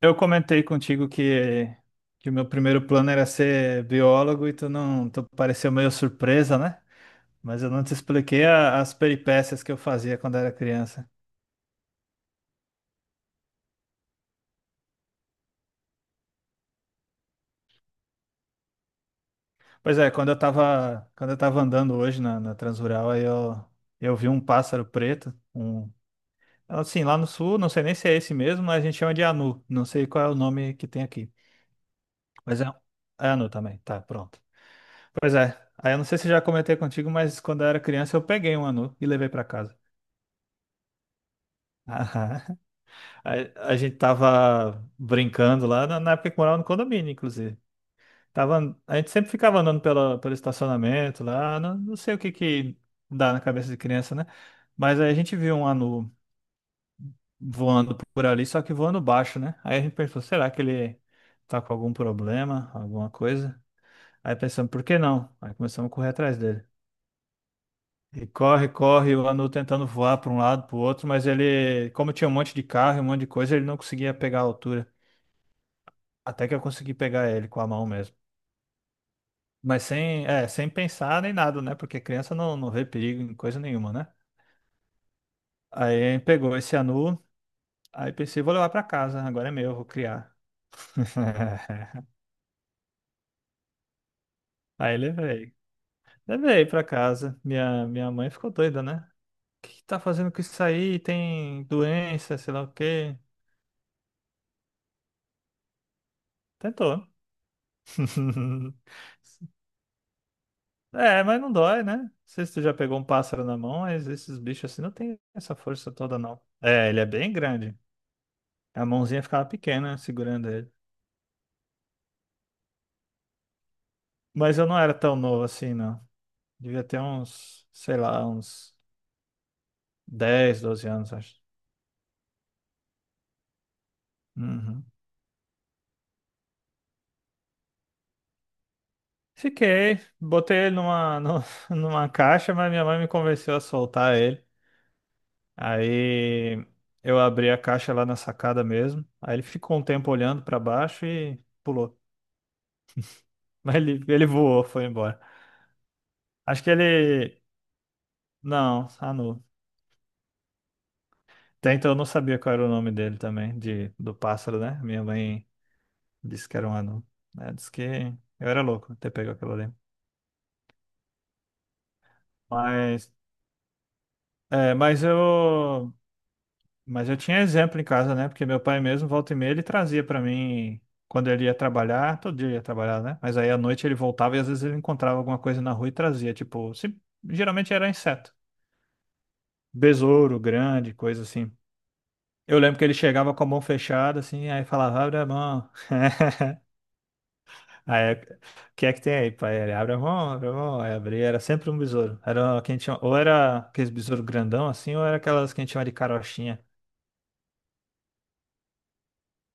Eu comentei contigo que o meu primeiro plano era ser biólogo e tu não, tu pareceu meio surpresa, né? Mas eu não te expliquei as peripécias que eu fazia quando era criança. Pois é, quando eu tava andando hoje na Transrural, eu vi um pássaro preto, assim, lá no sul, não sei nem se é esse mesmo, mas a gente chama de anu, não sei qual é o nome que tem aqui. Mas é anu também, tá, pronto. Pois é, aí eu não sei se já comentei contigo, mas quando eu era criança eu peguei um anu e levei pra casa. A, a gente tava brincando lá na época que morava no condomínio, inclusive. Tava, a gente sempre ficava andando pela, pelo estacionamento lá, não sei o que que dá na cabeça de criança, né? Mas aí a gente viu um anu voando por ali, só que voando baixo, né? Aí a gente pensou, será que ele tá com algum problema, alguma coisa? Aí pensamos, por que não? Aí começamos a correr atrás dele. E corre, corre, o anu tentando voar para um lado, para o outro, mas ele, como tinha um monte de carro, e um monte de coisa, ele não conseguia pegar a altura. Até que eu consegui pegar ele com a mão mesmo. Mas sem, é, sem pensar nem nada, né? Porque criança não vê perigo em coisa nenhuma, né? Aí pegou esse anu, aí pensei, vou levar pra casa, agora é meu, vou criar. Aí levei. Levei pra casa. Minha mãe ficou doida, né? O que que tá fazendo com isso aí? Tem doença, sei lá o quê. Tentou. É, mas não dói, né? Não sei se tu já pegou um pássaro na mão, mas esses bichos assim não tem essa força toda, não. É, ele é bem grande. A mãozinha ficava pequena né, segurando ele. Mas eu não era tão novo assim, não. Devia ter uns, sei lá, uns 10, 12 anos, acho. Uhum. Fiquei, botei ele numa, numa caixa, mas minha mãe me convenceu a soltar ele. Aí eu abri a caixa lá na sacada mesmo. Aí ele ficou um tempo olhando pra baixo e pulou. Mas ele voou, foi embora. Acho que ele. Não, Anu. Até então eu não sabia qual era o nome dele também, de, do pássaro, né? Minha mãe disse que era um anão, né? Disse que eu era louco ter pego aquilo ali. Mas, é, mas eu, mas eu tinha exemplo em casa, né? Porque meu pai mesmo, volta e meia, ele trazia pra mim quando ele ia trabalhar, todo dia ele ia trabalhar, né? Mas aí à noite ele voltava e às vezes ele encontrava alguma coisa na rua e trazia, tipo, geralmente era inseto, besouro grande, coisa assim. Eu lembro que ele chegava com a mão fechada, assim, aí falava, abre a mão. Aí, o que é que tem aí, pai? Ele abre a mão, aí abri, era sempre um besouro. Era o que a gente ou era aqueles besouros grandão assim, ou era aquelas que a gente chama de carochinha.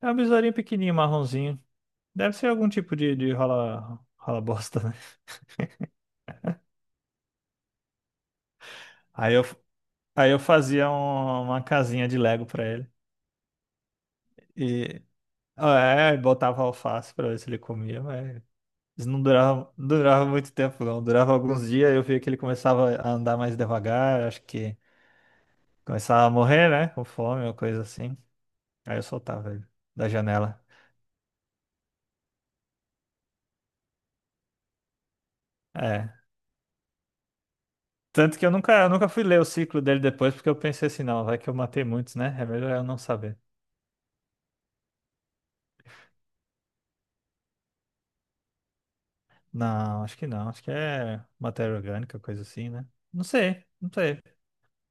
É um besourinho pequenininho, marronzinho. Deve ser algum tipo de rola, rola bosta, né? Aí eu, aí eu fazia uma casinha de Lego pra ele. E ah, é, aí botava alface pra ver se ele comia, mas isso não durava muito tempo, não. Durava alguns dias, eu via que ele começava a andar mais devagar, acho que começava a morrer, né? Com fome ou coisa assim. Aí eu soltava ele da janela. É. Tanto que eu nunca fui ler o ciclo dele depois, porque eu pensei assim, não, vai que eu matei muitos, né? É melhor eu não saber. Não, acho que não. Acho que é matéria orgânica, coisa assim, né? Não sei, não sei.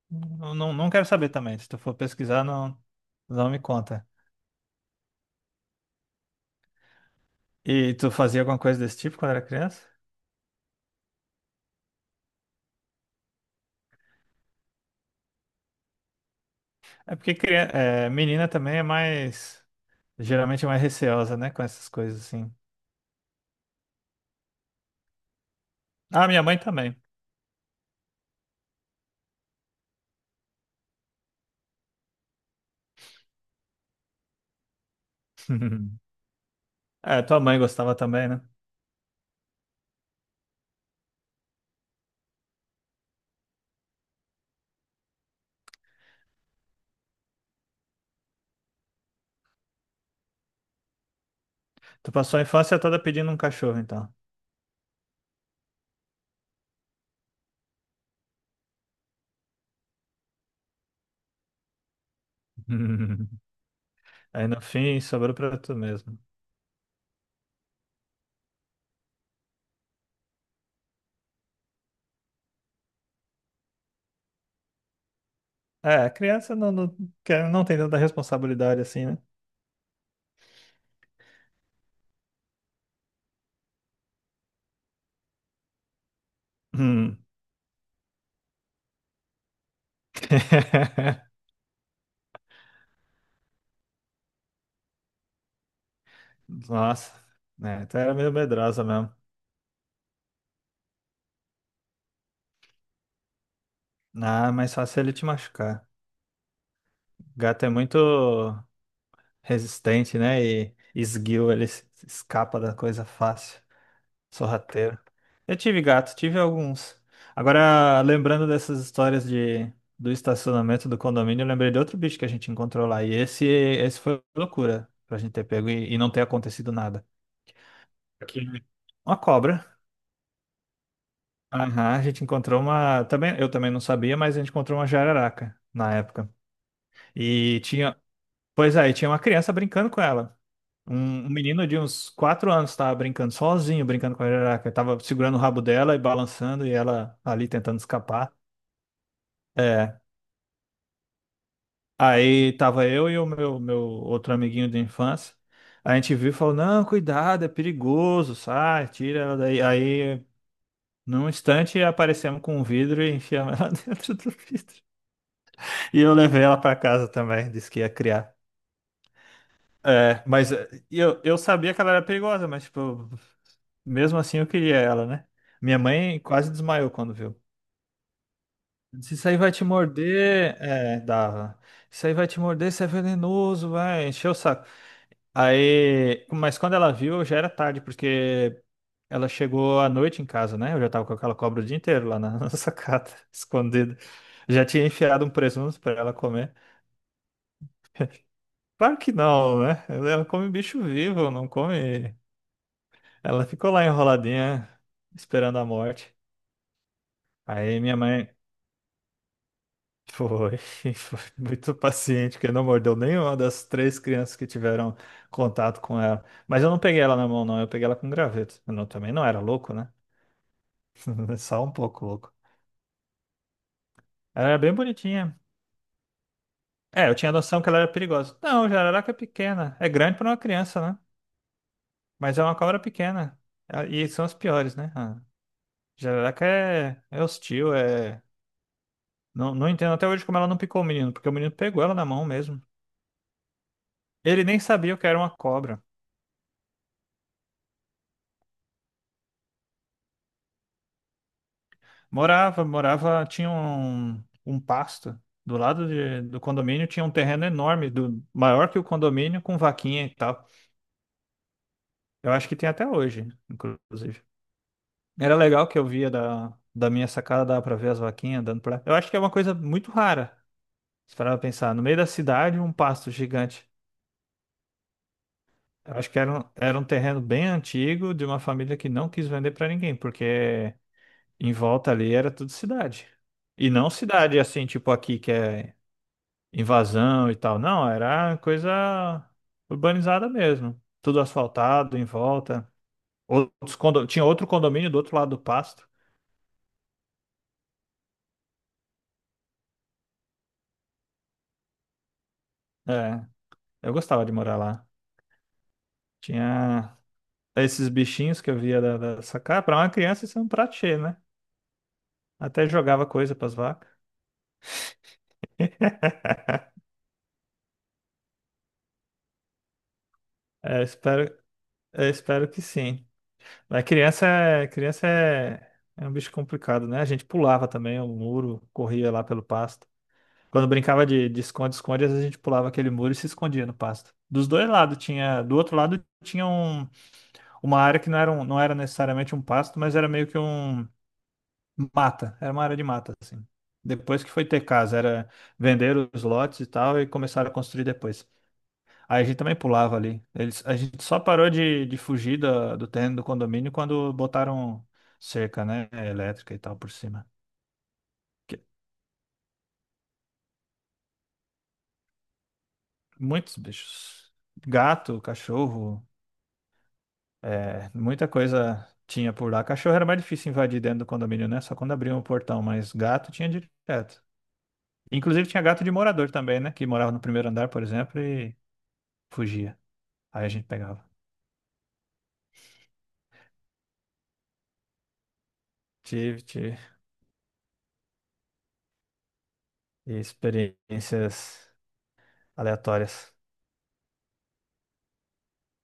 Não, não, não quero saber também. Se tu for pesquisar, não, não me conta. E tu fazia alguma coisa desse tipo quando era criança? É porque é, menina também é mais, geralmente é mais receosa, né? Com essas coisas assim. Ah, minha mãe também. É, tua mãe gostava também, né? Tu passou a infância toda pedindo um cachorro, então. Aí no fim sobrou pra tu mesmo. É, criança quer- não tem tanta responsabilidade assim, né? Hum. Nossa, né? Então era meio medrosa mesmo. Ah, mas fácil ele te machucar. Gato é muito resistente, né? E esguio, ele se escapa da coisa fácil. Sorrateiro. Eu tive gato, tive alguns. Agora, lembrando dessas histórias de, do estacionamento do condomínio, eu lembrei de outro bicho que a gente encontrou lá. E esse foi loucura pra gente ter pego e não ter acontecido nada. Que- uma cobra. Aham, a gente encontrou uma. Também, eu também não sabia, mas a gente encontrou uma jararaca na época. E tinha. Pois aí, tinha uma criança brincando com ela. Um menino de uns 4 anos estava brincando sozinho, brincando com a jararaca. Tava segurando o rabo dela e balançando, e ela ali tentando escapar. É. Aí tava eu e o meu outro amiguinho de infância. A gente viu e falou: Não, cuidado, é perigoso, sai, tira ela daí. Aí, num instante, aparecemos com um vidro e enfiamos ela dentro do vidro. E eu levei ela pra casa também, disse que ia criar. É, mas é, eu sabia que ela era perigosa, mas tipo, mesmo assim, eu queria ela, né? Minha mãe quase desmaiou quando viu. Se isso aí vai te morder, é, dava. Isso aí vai te morder, isso é venenoso, vai, encheu o saco. Aí, mas quando ela viu, já era tarde, porque ela chegou à noite em casa, né? Eu já tava com aquela cobra o dia inteiro lá na, na sacada, escondida. Já tinha enfiado um presunto pra ela comer. Claro que não, né? Ela come bicho vivo, não come. Ela ficou lá enroladinha, esperando a morte. Aí minha mãe. Foi, foi muito paciente, que não mordeu nenhuma das três crianças que tiveram contato com ela. Mas eu não peguei ela na mão, não, eu peguei ela com graveto. Eu não- também não era louco, né? Só um pouco louco. Ela era bem bonitinha. É, eu tinha noção que ela era perigosa. Não, jararaca é pequena. É grande para uma criança, né? Mas é uma cobra pequena. Ah, e são as piores, né? Ah, jararaca é hostil, é. Não, não entendo até hoje como ela não picou o menino, porque o menino pegou ela na mão mesmo. Ele nem sabia o que era uma cobra. Morava, morava, tinha um pasto. Do condomínio tinha um terreno enorme, do, maior que o condomínio, com vaquinha e tal. Eu acho que tem até hoje, inclusive. Era legal que eu via da minha sacada, dava pra ver as vaquinhas dando pra. Eu acho que é uma coisa muito rara. Se parar pra pensar, no meio da cidade, um pasto gigante. Eu acho que era um terreno bem antigo, de uma família que não quis vender pra ninguém, porque em volta ali era tudo cidade. E não cidade assim, tipo aqui, que é invasão e tal. Não, era coisa urbanizada mesmo. Tudo asfaltado em volta. Tinha outro condomínio do outro lado do pasto. É, eu gostava de morar lá. Tinha esses bichinhos que eu via da sacada. Para uma criança, isso é um prato cheio, né? Até jogava coisa para as vacas. É, espero, eu espero que sim. Mas criança, criança é um bicho complicado, né? A gente pulava também o muro, corria lá pelo pasto. Quando brincava de esconde-esconde, às vezes a gente pulava aquele muro e se escondia no pasto. Dos dois lados tinha, do outro lado tinha uma área que não era, não era necessariamente um pasto, mas era meio que um mata, era uma área de mata assim. Depois que foi ter casa, era vender os lotes e tal e começaram a construir depois. Aí a gente também pulava ali. Eles, a gente só parou de fugir do terreno do condomínio quando botaram cerca, né, elétrica e tal por cima. Que- muitos bichos. Gato, cachorro, é, muita coisa tinha por lá. Cachorro era mais difícil invadir dentro do condomínio, né? Só quando abriam o portão, mas gato tinha direto. Inclusive tinha gato de morador também, né? Que morava no primeiro andar, por exemplo, e fugia. Aí a gente pegava. Tive, tive experiências aleatórias.